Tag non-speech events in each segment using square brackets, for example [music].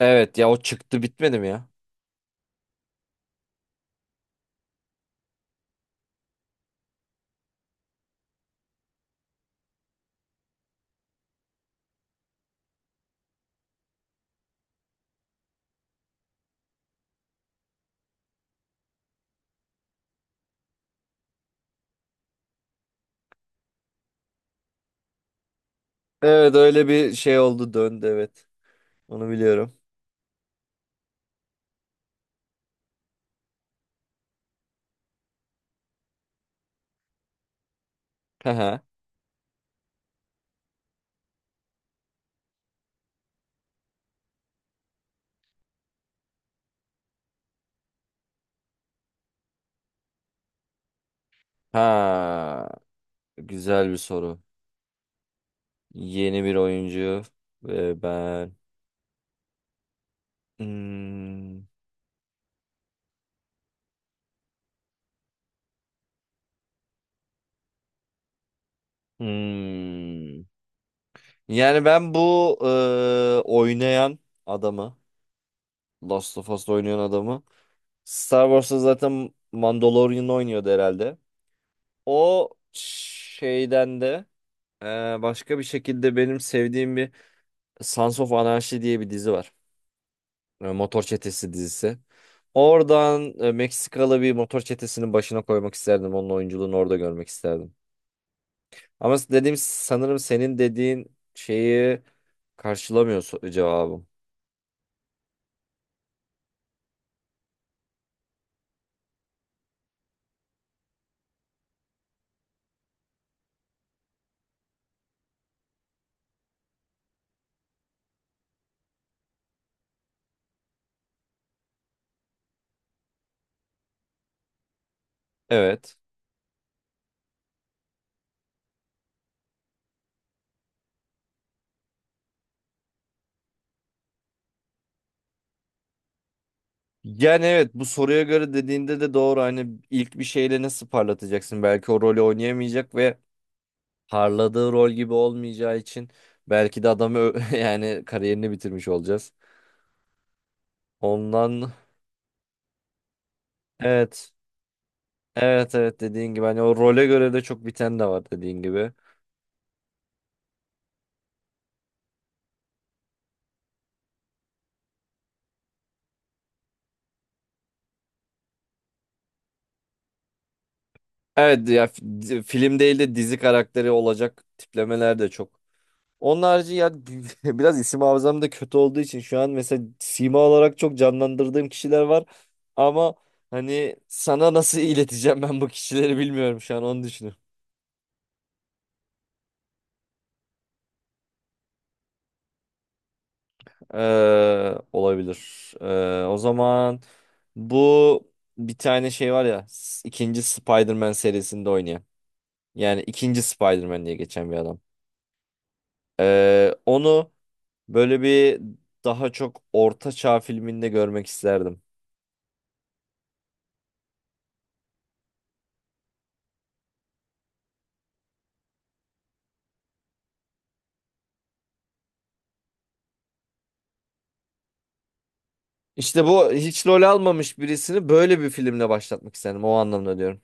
Evet ya, o çıktı, bitmedi mi ya? Evet, öyle bir şey oldu döndü, evet. Onu biliyorum. Ha ha. Güzel bir soru. Yeni bir oyuncu ve ben Hmm, hmm. Yani ben bu oynayan adamı, Last of Us'ta oynayan adamı, Star Wars'ta zaten Mandalorian'ı oynuyordu herhalde. O şeyden de e, başka bir şekilde benim sevdiğim bir, Sons of Anarchy diye bir dizi var. Motor Çetesi dizisi. Oradan Meksikalı bir motor çetesinin başına koymak isterdim. Onun oyunculuğunu orada görmek isterdim. Ama dediğim, sanırım senin dediğin şeyi karşılamıyor cevabım. Evet. Yani evet, bu soruya göre dediğinde de doğru. Hani ilk bir şeyle nasıl parlatacaksın? Belki o rolü oynayamayacak ve parladığı rol gibi olmayacağı için belki de adamı [laughs] yani kariyerini bitirmiş olacağız. Ondan evet. Evet evet, dediğin gibi hani o role göre de çok biten de var, dediğin gibi. Evet ya, film değil de dizi karakteri olacak tiplemeler de çok. Onun harici ya [laughs] biraz isim hafızam da kötü olduğu için şu an mesela sima olarak çok canlandırdığım kişiler var. Ama hani sana nasıl [laughs] ileteceğim, ben bu kişileri bilmiyorum şu an, onu düşünüyorum. Olabilir. O zaman bu, bir tane şey var ya, ikinci Spider-Man serisinde oynayan. Yani ikinci Spider-Man diye geçen bir adam. Onu böyle bir, daha çok orta çağ filminde görmek isterdim. İşte bu hiç rol almamış birisini böyle bir filmle başlatmak isterdim. O anlamda diyorum.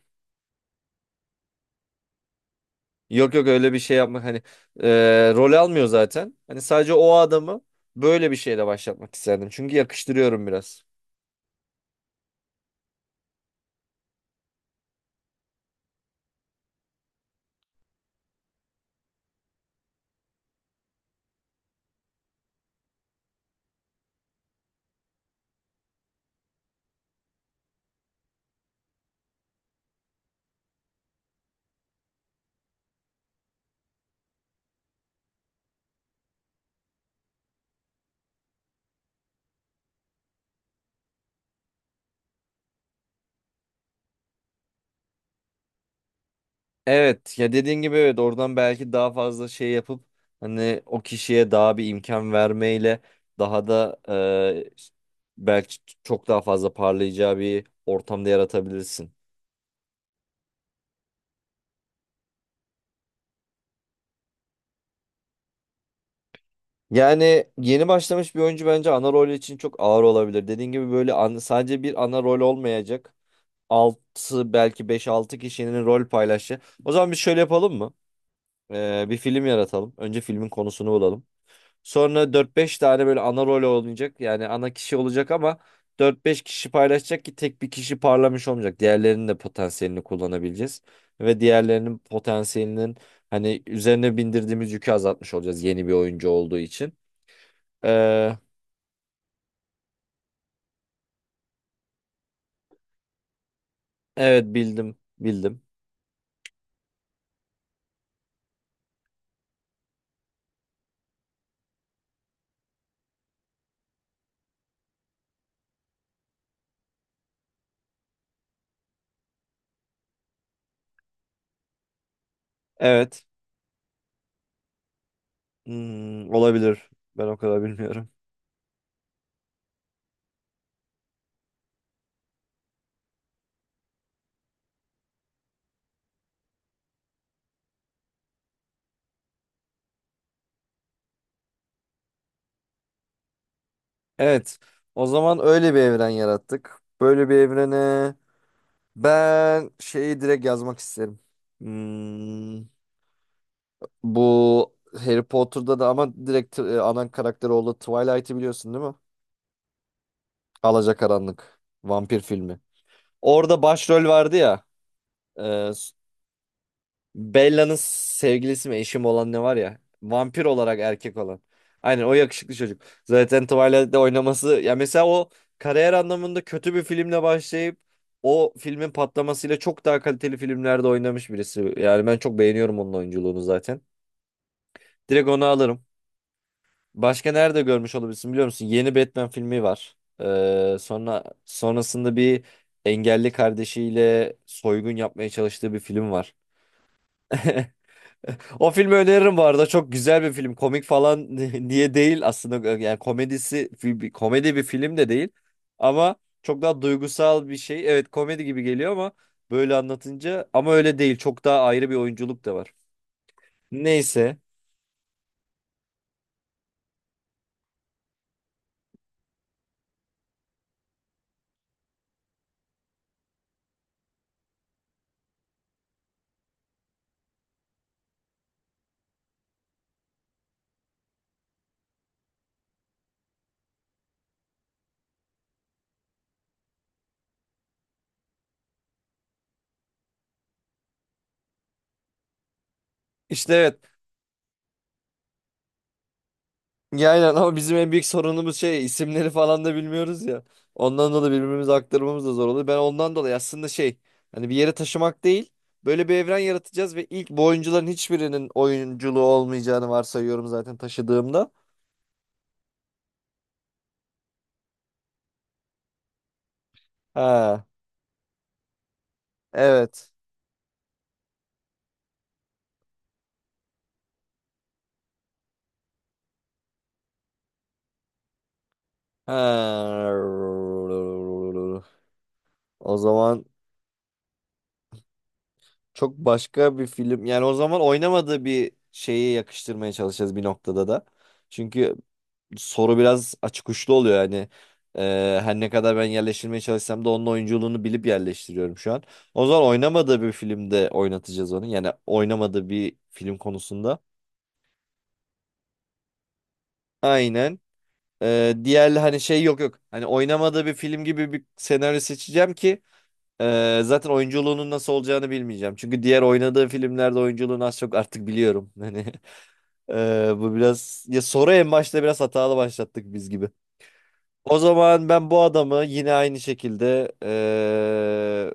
Yok yok, öyle bir şey yapmak hani, rol almıyor zaten. Hani sadece o adamı böyle bir şeyle başlatmak isterdim. Çünkü yakıştırıyorum biraz. Evet ya, dediğin gibi evet, oradan belki daha fazla şey yapıp hani o kişiye daha bir imkan vermeyle daha da belki çok daha fazla parlayacağı bir ortamda yaratabilirsin. Yani yeni başlamış bir oyuncu bence ana rol için çok ağır olabilir. Dediğin gibi böyle sadece bir ana rol olmayacak. Altı, belki beş altı kişinin rol paylaşı. O zaman biz şöyle yapalım mı? E, bir film yaratalım. Önce filmin konusunu bulalım. Sonra dört beş tane böyle ana rol oynayacak. Yani ana kişi olacak ama dört beş kişi paylaşacak ki tek bir kişi parlamış olmayacak. Diğerlerinin de potansiyelini kullanabileceğiz. Ve diğerlerinin potansiyelinin hani üzerine bindirdiğimiz yükü azaltmış olacağız yeni bir oyuncu olduğu için. Ee, evet bildim bildim. Evet. Hmm, olabilir. Ben o kadar bilmiyorum. Evet. O zaman öyle bir evren yarattık. Böyle bir evrene ben şeyi direkt yazmak isterim. Hmm, bu Harry Potter'da da ama direkt ana karakteri oldu. Twilight'i biliyorsun değil mi? Alacakaranlık. Vampir filmi. Orada başrol vardı ya. e, Bella'nın sevgilisi mi, eşim olan ne var ya. Vampir olarak erkek olan. Aynen, o yakışıklı çocuk. Zaten Twilight'te oynaması. Ya mesela o kariyer anlamında kötü bir filmle başlayıp o filmin patlamasıyla çok daha kaliteli filmlerde oynamış birisi. Yani ben çok beğeniyorum onun oyunculuğunu zaten. Direkt onu alırım. Başka nerede görmüş olabilirsin biliyor musun? Yeni Batman filmi var. Sonra sonrasında bir engelli kardeşiyle soygun yapmaya çalıştığı bir film var. [laughs] O filmi öneririm bu arada. Çok güzel bir film. Komik falan [laughs] niye değil aslında. Yani komedisi komedi bir film de değil. Ama çok daha duygusal bir şey. Evet komedi gibi geliyor ama böyle anlatınca ama öyle değil. Çok daha ayrı bir oyunculuk da var. Neyse. İşte evet. Ya aynen ama bizim en büyük sorunumuz şey, isimleri falan da bilmiyoruz ya. Ondan dolayı birbirimize aktarmamız da zor oluyor. Ben ondan dolayı aslında şey, hani bir yere taşımak değil, böyle bir evren yaratacağız ve ilk bu oyuncuların hiçbirinin oyunculuğu olmayacağını varsayıyorum zaten taşıdığımda. Ha evet. Ha. O zaman çok başka bir film, yani o zaman oynamadığı bir şeye yakıştırmaya çalışacağız bir noktada da. Çünkü soru biraz açık uçlu oluyor yani. Her ne kadar ben yerleştirmeye çalışsam da onun oyunculuğunu bilip yerleştiriyorum şu an. O zaman oynamadığı bir filmde oynatacağız onu. Yani oynamadığı bir film konusunda. Aynen. Diğer hani şey yok yok. Hani oynamadığı bir film gibi bir senaryo seçeceğim ki zaten oyunculuğunun nasıl olacağını bilmeyeceğim. Çünkü diğer oynadığı filmlerde oyunculuğunu az çok artık biliyorum. [laughs] Hani bu biraz ya, soru en başta biraz hatalı başlattık biz gibi. O zaman ben bu adamı yine aynı şekilde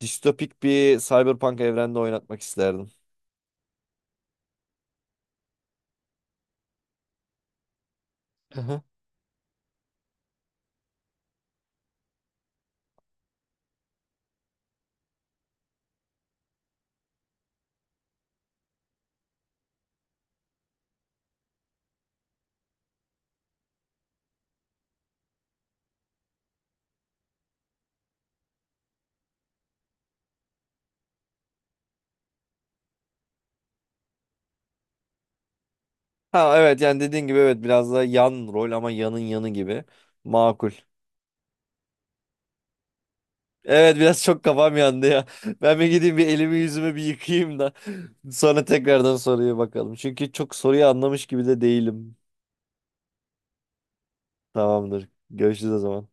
distopik bir cyberpunk evrende oynatmak isterdim. Hı hı. Ha evet, yani dediğin gibi evet, biraz da yan rol ama yanın yanı gibi. Makul. Evet biraz çok kafam yandı ya. [laughs] Ben bir gideyim bir elimi yüzümü bir yıkayayım da [laughs] sonra tekrardan soruya bakalım. Çünkü çok soruyu anlamış gibi de değilim. Tamamdır. Görüşürüz o zaman.